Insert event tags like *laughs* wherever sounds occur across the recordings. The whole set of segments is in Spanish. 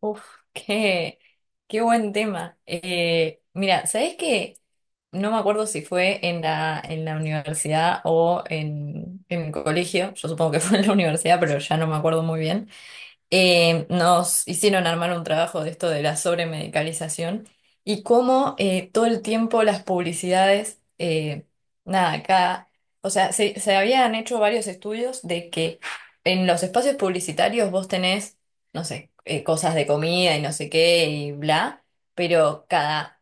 Uf, qué, qué buen tema. Mira, ¿sabés qué? No me acuerdo si fue en la universidad o en el colegio. Yo supongo que *laughs* fue en la *laughs* universidad, pero ya no me acuerdo muy bien. Nos hicieron armar un trabajo de esto de la sobremedicalización y cómo todo el tiempo las publicidades, nada, acá, o sea, se habían hecho varios estudios de que en los espacios publicitarios vos tenés, no sé, cosas de comida y no sé qué y bla, pero cada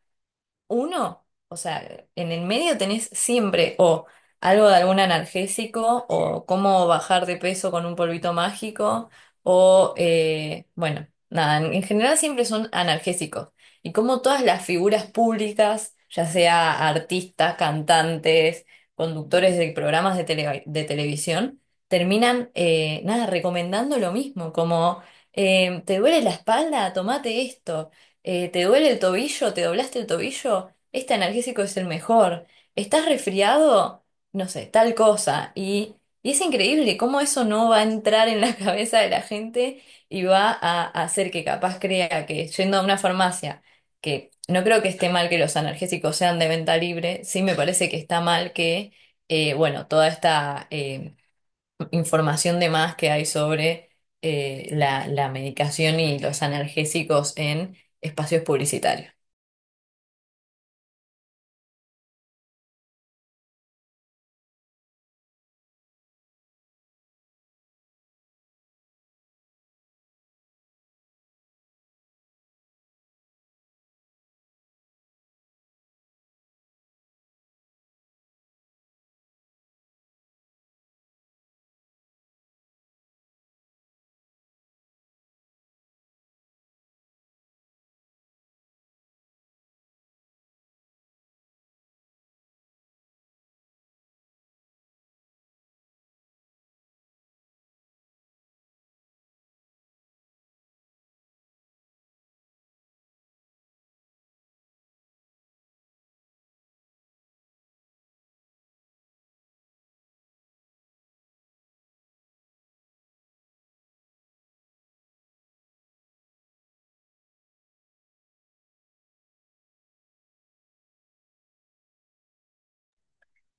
uno, o sea, en el medio tenés siempre o algo de algún analgésico o cómo bajar de peso con un polvito mágico o, bueno, nada, en general siempre son analgésicos. Y como todas las figuras públicas, ya sea artistas, cantantes, conductores de programas de, de televisión, terminan, nada, recomendando lo mismo, como, ¿te duele la espalda? Tomate esto. ¿Te duele el tobillo? ¿Te doblaste el tobillo? Este analgésico es el mejor. ¿Estás resfriado? No sé, tal cosa. Y es increíble cómo eso no va a entrar en la *laughs* cabeza de la gente y va a hacer que capaz crea que yendo a una farmacia, que no creo que esté mal que los analgésicos sean de venta libre, sí me parece que está mal que, bueno, toda esta información de más que hay sobre la medicación y los analgésicos en espacios publicitarios.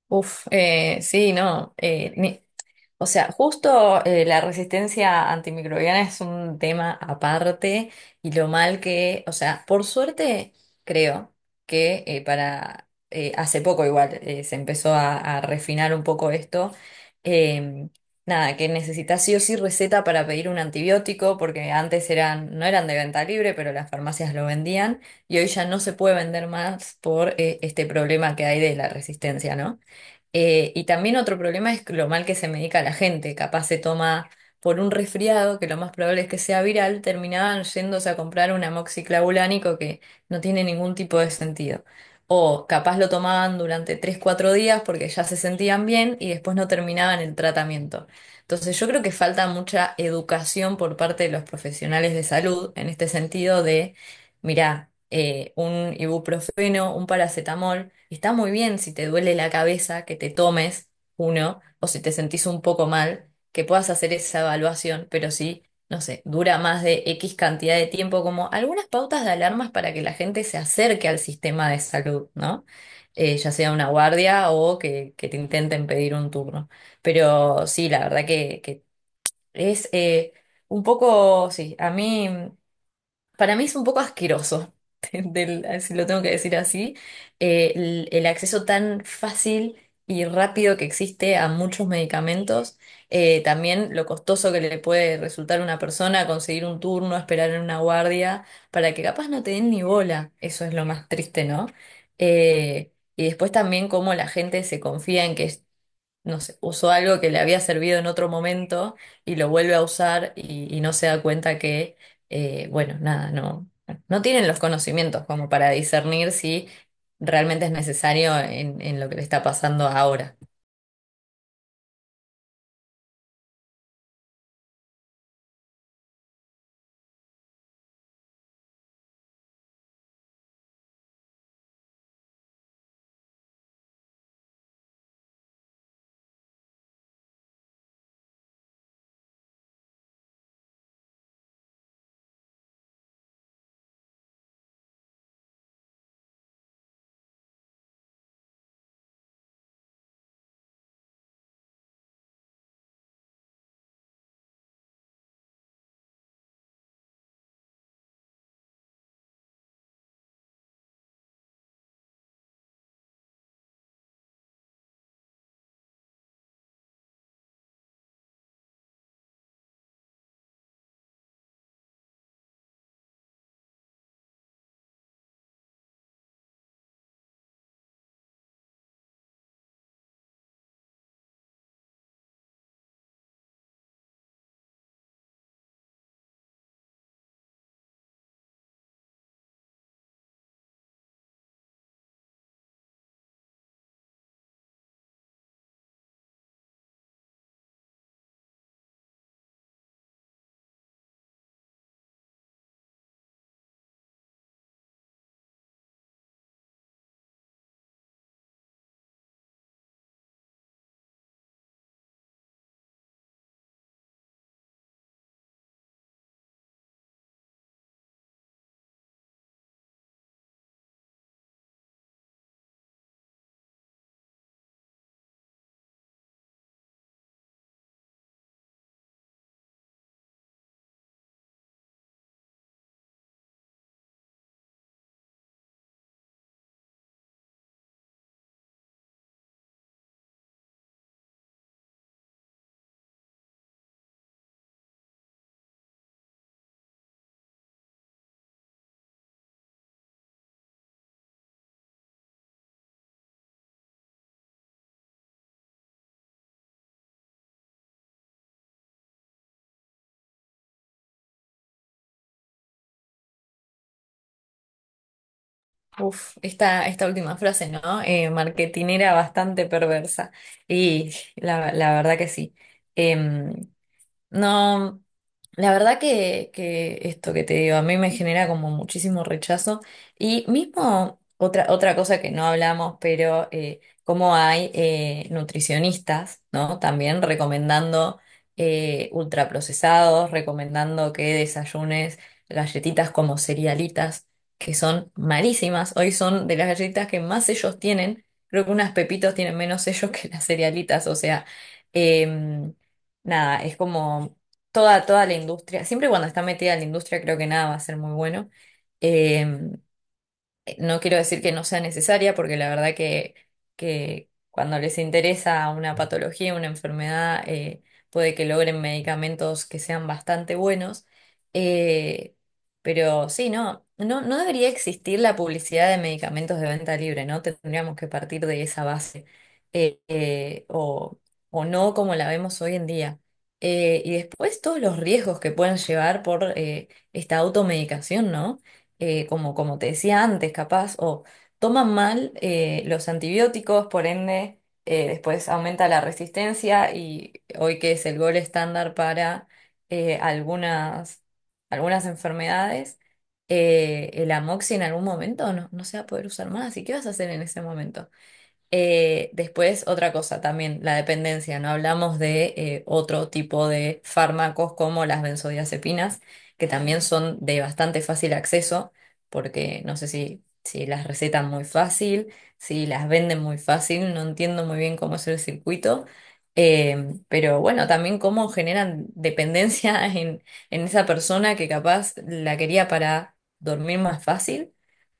Uf, sí, no. O sea, justo la resistencia antimicrobiana es un tema aparte y lo mal que, o sea, por suerte creo que para, hace poco igual se empezó a refinar un poco esto, eh, nada, que necesitas sí o sí receta para pedir un antibiótico porque antes eran, no eran de venta libre, pero las farmacias lo vendían y hoy ya no se puede vender más por este problema que hay de la resistencia, ¿no? Y también otro problema es lo mal que se medica la gente. Capaz se toma por un resfriado, que lo más probable es que sea viral, terminaban yéndose a comprar un amoxiclavulánico que no tiene ningún tipo de sentido. O capaz lo tomaban durante tres cuatro días porque ya se sentían bien y después no terminaban el tratamiento. Entonces yo creo que falta mucha educación por parte de los profesionales de salud en este sentido de mirá, un ibuprofeno, un paracetamol, está muy bien si te duele la cabeza que te tomes uno o si te sentís un poco mal, que puedas hacer esa evaluación, pero sí, no sé, dura más de X cantidad de tiempo, como algunas pautas de alarmas para que la gente se acerque al sistema de salud, ¿no? Ya sea una guardia o que te intenten pedir un turno. Pero sí, la verdad que es un poco, sí, a mí... Para mí es un poco asqueroso, *laughs* si lo tengo que decir así, el acceso tan fácil y rápido que existe a muchos medicamentos, también lo costoso que le puede resultar a una persona conseguir un turno, esperar en una guardia, para que capaz no te den ni bola, eso es lo más triste, ¿no? Y después también cómo la gente se confía en que no sé, usó algo que le había servido en otro momento y lo vuelve a usar y no se da cuenta que, bueno, nada, no, no tienen los conocimientos como para discernir si realmente es necesario en lo que le está pasando ahora. Uf, esta última frase, ¿no? Marketinera bastante perversa. Y la verdad que sí. Em, No, la verdad que esto que te digo, a mí me genera como muchísimo rechazo. Y mismo otra cosa que no hablamos, pero como hay nutricionistas, ¿no? También recomendando ultraprocesados, recomendando que desayunes galletitas como cerealitas, que son malísimas. Hoy son de las galletitas que más sellos tienen. Creo que unas pepitos tienen menos sellos *laughs* que las cerealitas, o sea. em, Nada, es como toda la industria, siempre cuando está metida en la industria creo que nada va a ser muy bueno. Em, No quiero decir que no sea necesaria, porque la verdad que cuando les interesa una patología, una enfermedad, puede que logren medicamentos que sean bastante buenos. Eh, pero sí, no, no, no debería existir la publicidad de medicamentos de venta libre, ¿no? Tendríamos que partir de esa base. Eh, eh, o, o no como la vemos hoy en día. Y después todos los riesgos que pueden llevar por esta automedicación, ¿no? Como, como te decía antes, capaz, o toman mal los antibióticos, por ende, después aumenta la resistencia y hoy que es el gol estándar para algunas, algunas enfermedades, el amoxi en algún momento no, no se va a poder usar más. ¿Y qué vas a hacer en ese momento? Después, otra cosa también, la dependencia. No hablamos de otro tipo de fármacos como las benzodiazepinas, que también son de bastante fácil acceso, porque no sé si, si las recetan muy fácil, si las venden muy fácil, no entiendo muy bien cómo es el circuito. Pero bueno, también cómo generan dependencia *laughs* en esa persona que capaz la quería para dormir más fácil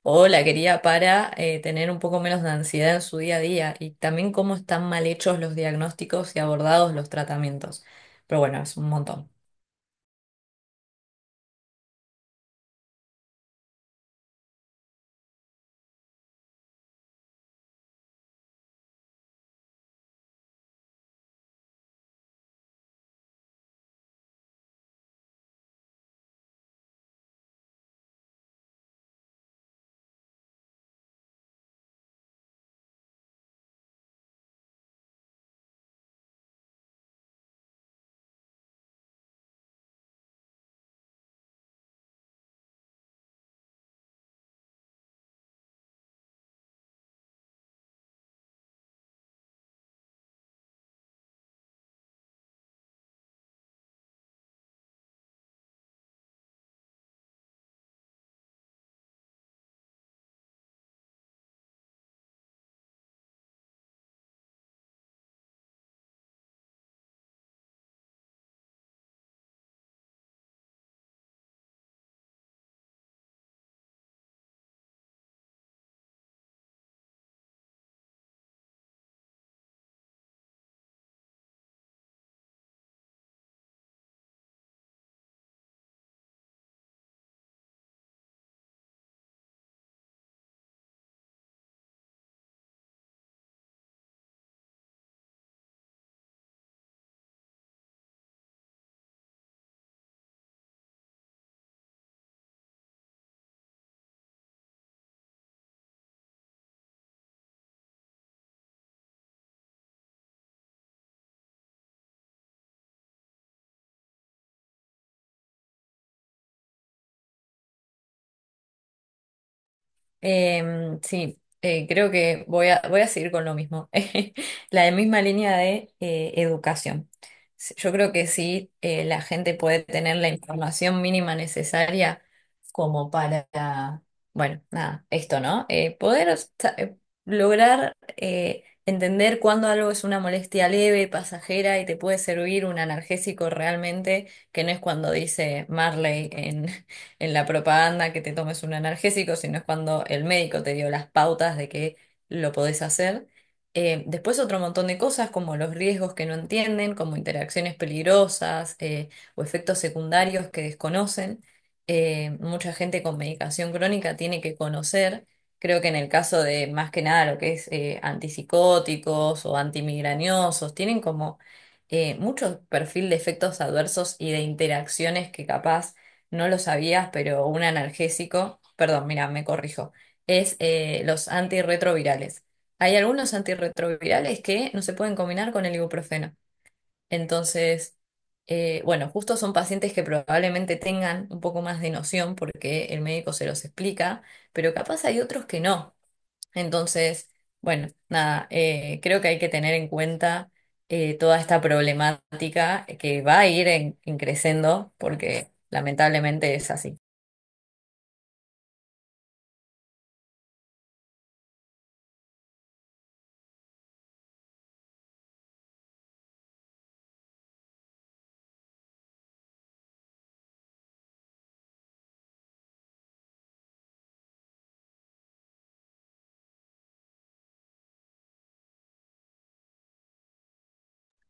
o la quería para tener un poco menos de ansiedad en su día a día y también cómo están mal hechos los diagnósticos y abordados los tratamientos. Pero bueno, es un montón. Sí, creo que voy a, voy a seguir con lo mismo, *laughs* la misma línea de educación. Yo creo que sí, la gente puede tener la información mínima necesaria como para, bueno, nada, esto, ¿no? Poder sa- lograr entender cuándo algo es una molestia leve, pasajera y te puede servir un analgésico realmente, que no es cuando dice Marley en la propaganda que te tomes un analgésico, sino es cuando el médico te dio las pautas de que lo podés hacer. Después otro montón de cosas como los riesgos que no entienden, como interacciones peligrosas o efectos secundarios que desconocen. Mucha gente con medicación crónica tiene que conocer. Creo que en el caso de más que nada lo que es antipsicóticos o antimigrañosos, tienen como mucho perfil de efectos adversos y de interacciones que capaz no lo sabías, pero un analgésico, perdón, mira, me corrijo, es los antirretrovirales. Hay algunos antirretrovirales que no se pueden combinar con el ibuprofeno. Entonces, bueno, justo son pacientes que probablemente tengan un poco más de noción porque el médico se los explica, pero capaz hay otros que no. Entonces, bueno, nada, creo que hay que tener en cuenta toda esta problemática que va a ir en creciendo porque lamentablemente es así.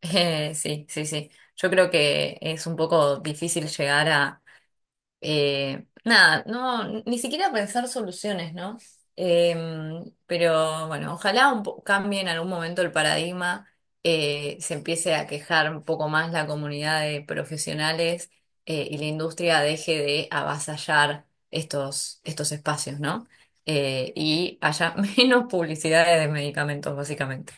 Sí, sí, sí. Yo creo que es un poco difícil llegar a, nada, no, ni siquiera pensar soluciones, ¿no? Pero bueno, ojalá cambie en algún momento el paradigma, se empiece a quejar un poco más la comunidad de profesionales, y la industria deje de avasallar estos espacios, ¿no? Y haya *laughs* menos publicidades de medicamentos, básicamente.